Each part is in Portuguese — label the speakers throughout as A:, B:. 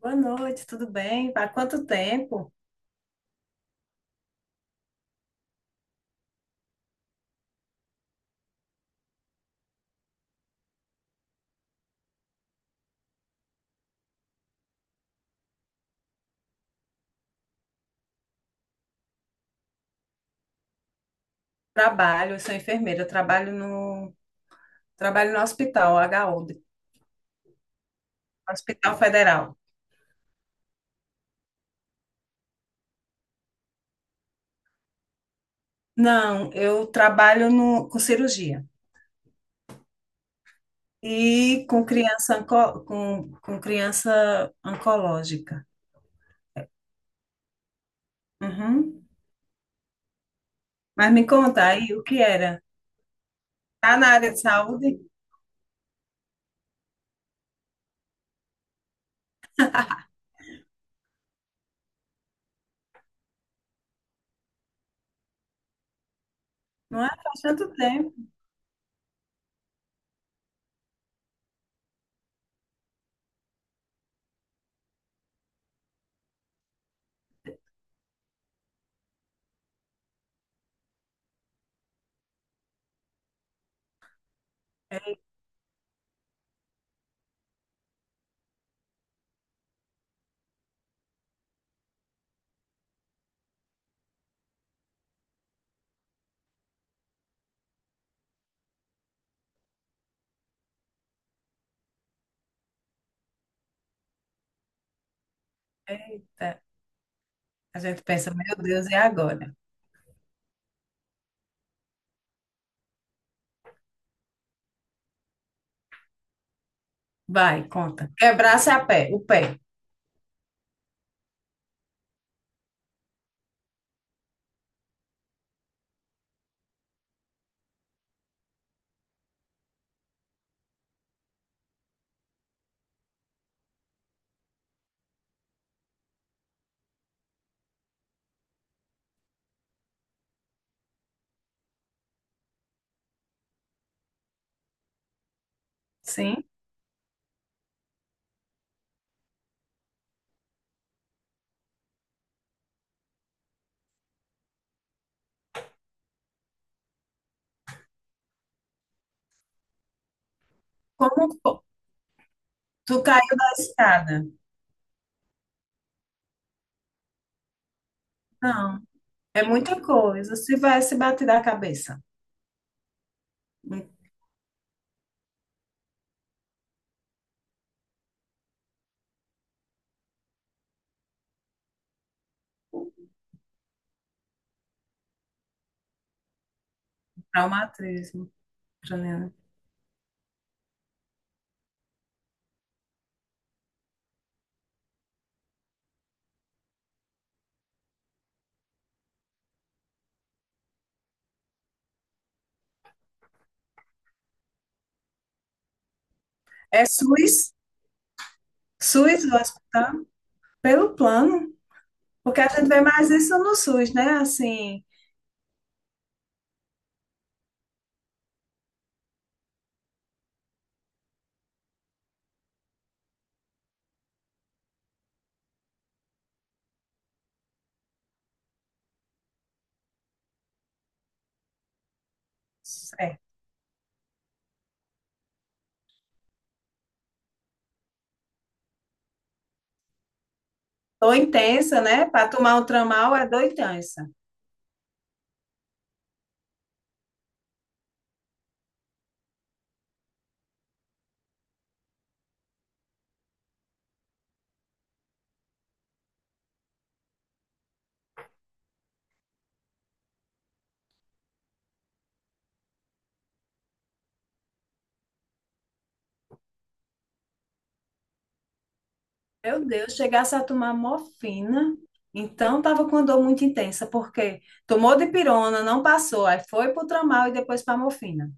A: Boa noite, tudo bem? Há quanto tempo? Trabalho, eu sou enfermeira, eu trabalho no hospital, h HU, Hospital Federal. Não, eu trabalho no, com cirurgia e com criança, com criança oncológica. Uhum. Mas me conta aí, o que era? Tá na área de saúde? Não é? Faz tanto tempo. Eita, a gente pensa, meu Deus, e agora? Vai, conta. Quebrar-se a pé, o pé. Sim. Como? Tu caiu da escada. Não, é muita coisa. Se vai se bater da cabeça. Um traumatismo craniano. É SUS. SUS do hospital, pelo plano. Porque a gente vê mais isso no SUS, né? Assim, é, dor intensa, né? Para tomar um tramal é dor intensa. Meu Deus, chegasse a tomar morfina, então tava com dor muito intensa, porque tomou dipirona, não passou, aí foi pro tramal e depois para morfina.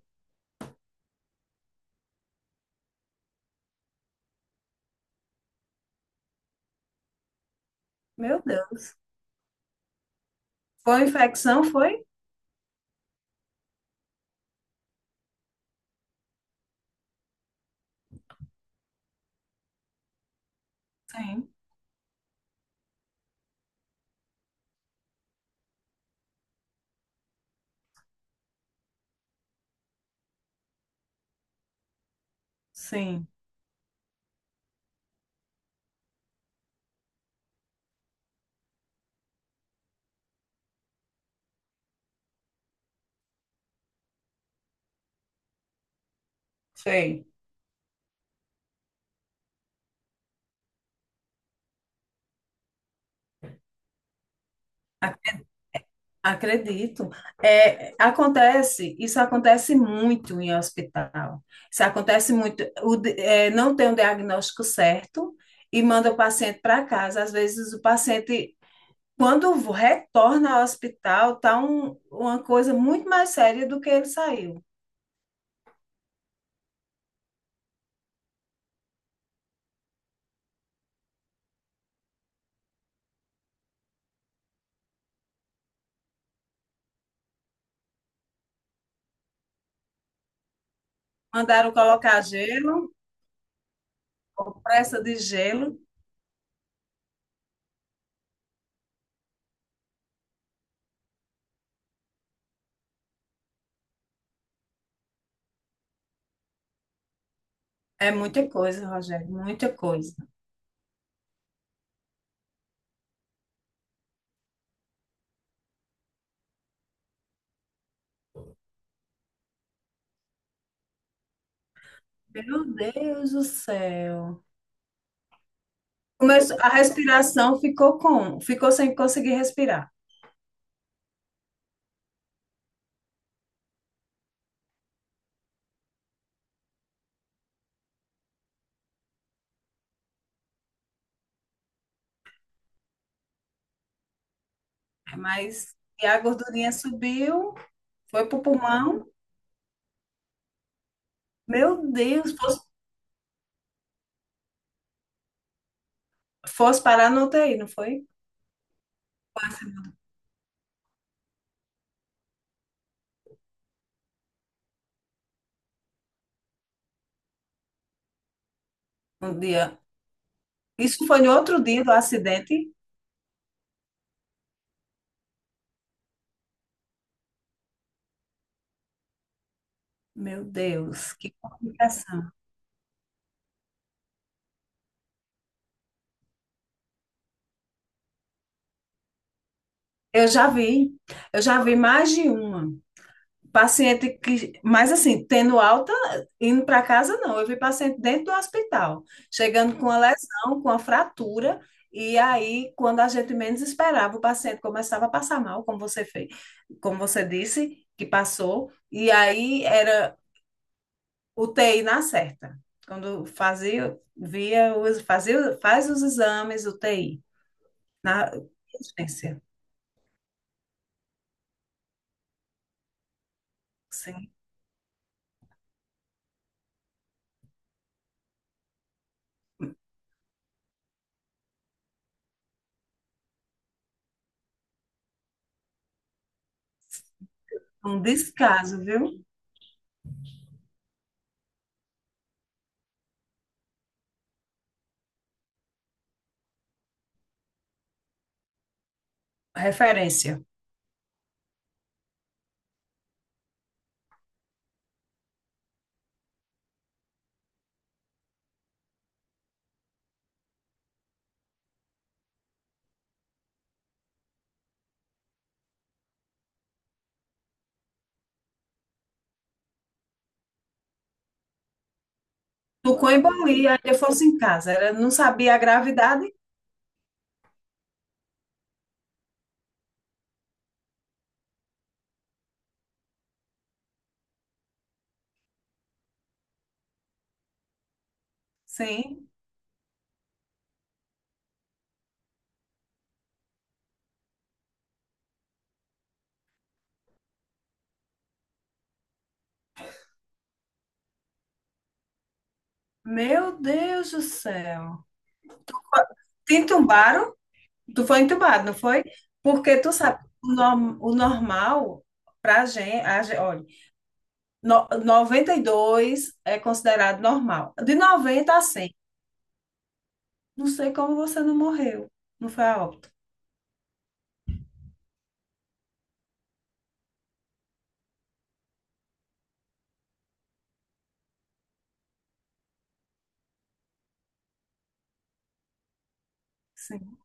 A: Meu Deus. Foi infecção, foi? Sim. Sim. Sei. Acredito. É, acontece, isso acontece muito em hospital. Isso acontece muito. É, não tem um diagnóstico certo e manda o paciente para casa. Às vezes o paciente, quando retorna ao hospital, tá uma coisa muito mais séria do que ele saiu. Mandaram colocar gelo, compressa de gelo. É muita coisa, Rogério, muita coisa. Meu Deus do céu. Começou, a respiração ficou como? Ficou sem conseguir respirar. Mas e a gordurinha subiu, foi pro pulmão. Meu Deus, fosse parar no UTI, não foi? Um dia. Isso foi no outro dia do acidente. Meu Deus, que complicação. Eu já vi, eu já vi mais de uma. Paciente que, mas assim, tendo alta, indo para casa, não. Eu vi paciente dentro do hospital, chegando com a lesão, com a fratura, e aí, quando a gente menos esperava, o paciente começava a passar mal, como você fez, como você disse, que passou, e aí era U T I na certa. Quando fazia, via, fazia, faz os exames, UTI, na urgência. Sim, um descaso, viu? Referência. Tucum e Bolia, ainda fosse em casa. Ela não sabia a gravidade? Sim. Meu Deus do céu. Te entubaram? Tu foi entubado, não foi? Porque tu sabe, o normal pra gente, olha, 92 é considerado normal. De 90 a 100. Não sei como você não morreu. Não foi a óbito. Sim.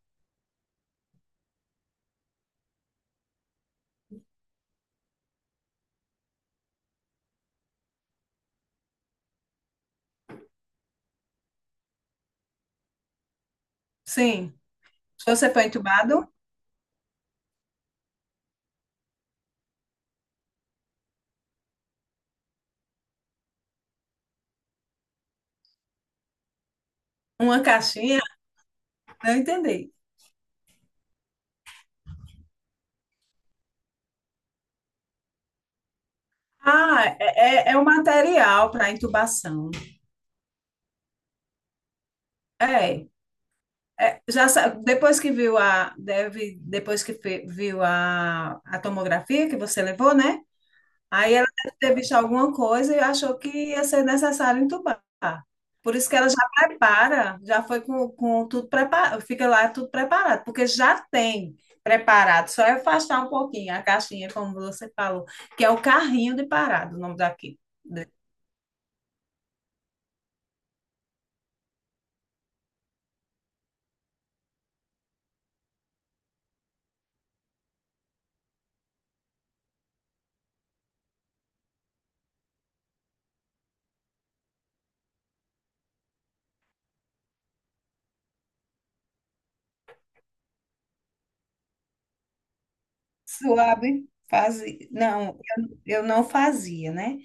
A: Sim. Você foi entubado? Uma caixinha? Não entendi. Ah, é o material para intubação. É. É, depois que viu a deve depois que viu a tomografia que você levou, né? Aí ela deve ter visto alguma coisa e achou que ia ser necessário entubar. Por isso que ela já prepara, já foi com tudo preparado, fica lá tudo preparado, porque já tem preparado, só é afastar um pouquinho a caixinha, como você falou, que é o carrinho de parado, o nome daqui. Suave, fazia. Não, eu não fazia, né?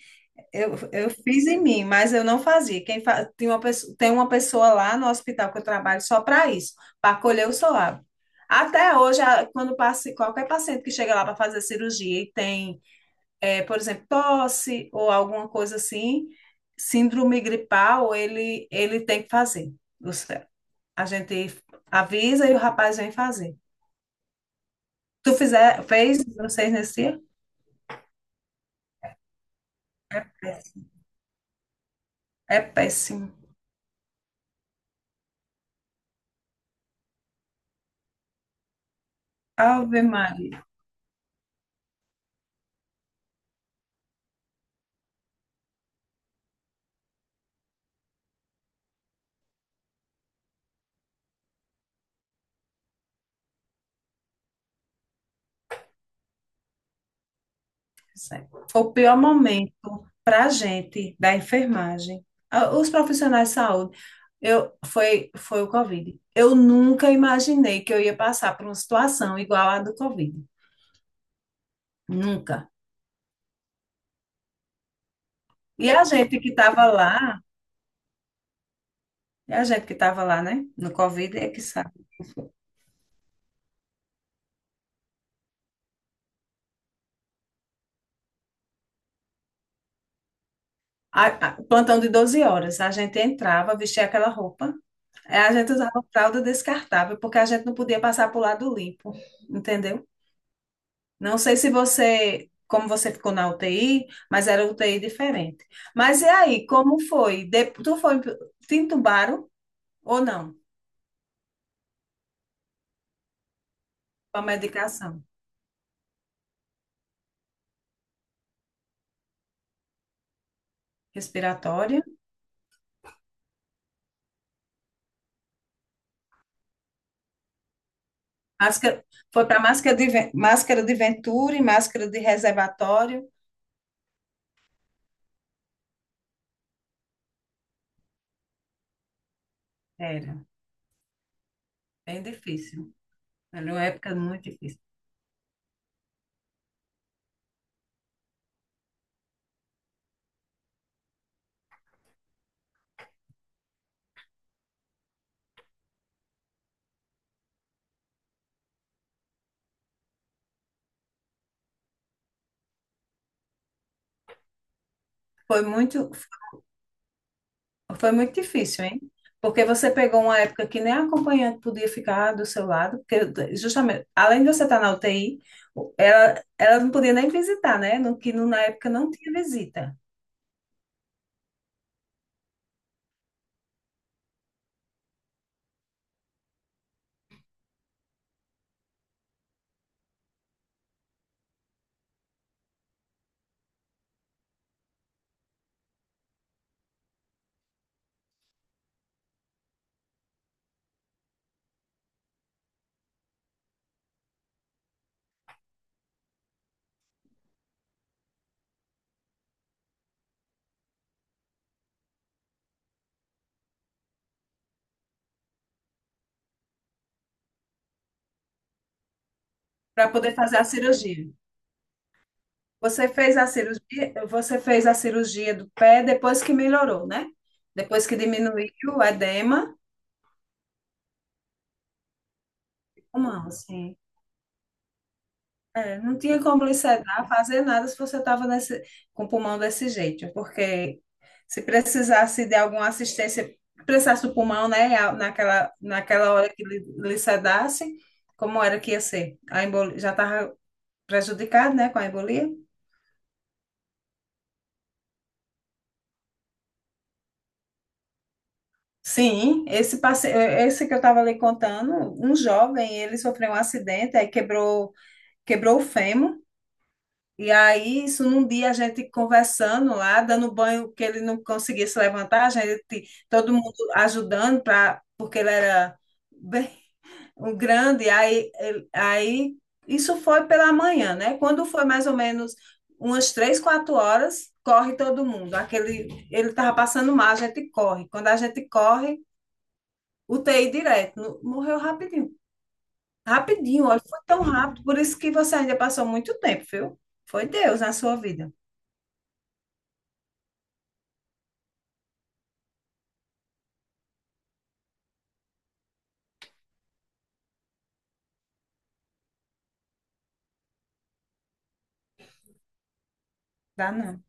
A: Eu fiz em mim, mas eu não fazia. Tem uma pessoa, lá no hospital que eu trabalho só para isso, para colher o suave. Até hoje, quando passe, qualquer paciente que chega lá para fazer cirurgia e tem, por exemplo, tosse ou alguma coisa assim, síndrome gripal, ele tem que fazer. Os- A gente avisa e o rapaz vem fazer. Fez vocês nesse dia? É péssimo. Ave Maria. Certo. O pior momento para a gente da enfermagem, os profissionais de saúde, eu, foi o Covid. Eu nunca imaginei que eu ia passar por uma situação igual à do Covid. Nunca. E a gente que estava lá, né, no Covid, é que sabe. O plantão de 12 horas, a gente entrava, vestia aquela roupa, a gente usava fralda descartável, porque a gente não podia passar para o lado limpo, entendeu? Não sei se você, como você ficou na UTI, mas era UTI diferente. Mas e aí, como foi? Te entubaram ou não? Com a medicação respiratória? Máscara, foi para máscara de Venturi, máscara de reservatório? Era, bem difícil. Era uma época muito difícil. Foi muito, Foi muito difícil, hein? Porque você pegou uma época que nem a acompanhante podia ficar do seu lado, porque justamente, além de você estar na UTI, ela não podia nem visitar, né? No, que no- na época não tinha visita para poder fazer a cirurgia. Você fez a cirurgia do pé depois que melhorou, né? Depois que diminuiu o edema, mão. É, não tinha como lhe sedar, fazer nada se você estava com o pulmão desse jeito, porque se precisasse de alguma assistência, precisasse do pulmão, né, naquela hora que lhe sedasse, como era que ia ser? A embolia, já estava prejudicado, né, com a embolia? Sim, esse que eu estava lhe contando, um jovem, ele sofreu um acidente, aí quebrou o fêmur. E aí, isso num dia a gente conversando lá, dando banho que ele não conseguia se levantar, a gente, todo mundo ajudando para, porque ele era bem um grande, aí, aí isso foi pela manhã, né? Quando foi mais ou menos umas três, quatro horas, corre todo mundo. Aquele, ele estava passando mal, a gente corre. Quando a gente corre, UTI direto. Morreu rapidinho. Rapidinho, olha, foi tão rápido, por isso que você ainda passou muito tempo, viu? Foi Deus na sua vida. Dá não.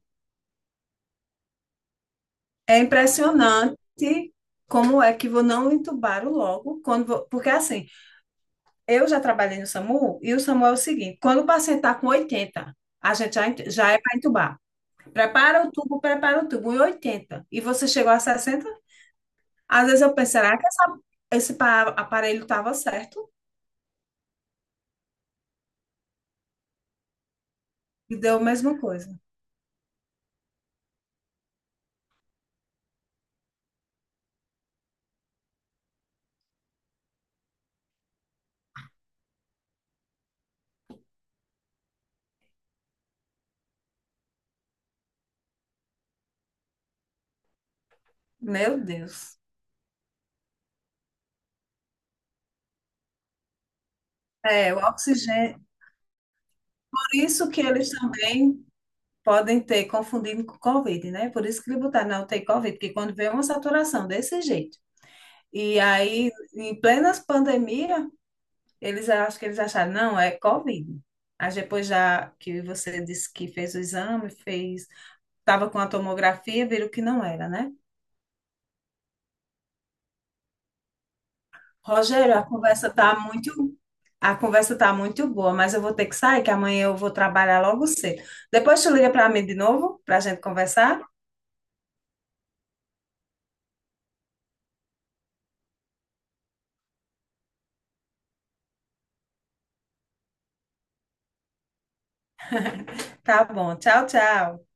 A: É impressionante como é que vou não entubaram logo, quando porque assim, eu já trabalhei no SAMU e o SAMU é o seguinte, quando o paciente está com 80 a gente já, já é para entubar. Prepara o tubo em 80 e você chegou a 60 às vezes eu penso, será que aparelho estava certo? E deu a mesma coisa. Meu Deus. É, o oxigênio. Por isso que eles também podem ter confundido com Covid, né? Por isso que ele botaram na UTI Covid, porque quando vê uma saturação desse jeito. E aí, em plena pandemia, eles acho que eles acharam, não, é Covid. Aí depois já que você disse que fez o exame, fez, estava com a tomografia, viram que não era, né? Rogério, a conversa tá muito boa, mas eu vou ter que sair, que amanhã eu vou trabalhar logo cedo. Depois tu liga para mim de novo, para a gente conversar? Tá bom. Tchau, tchau.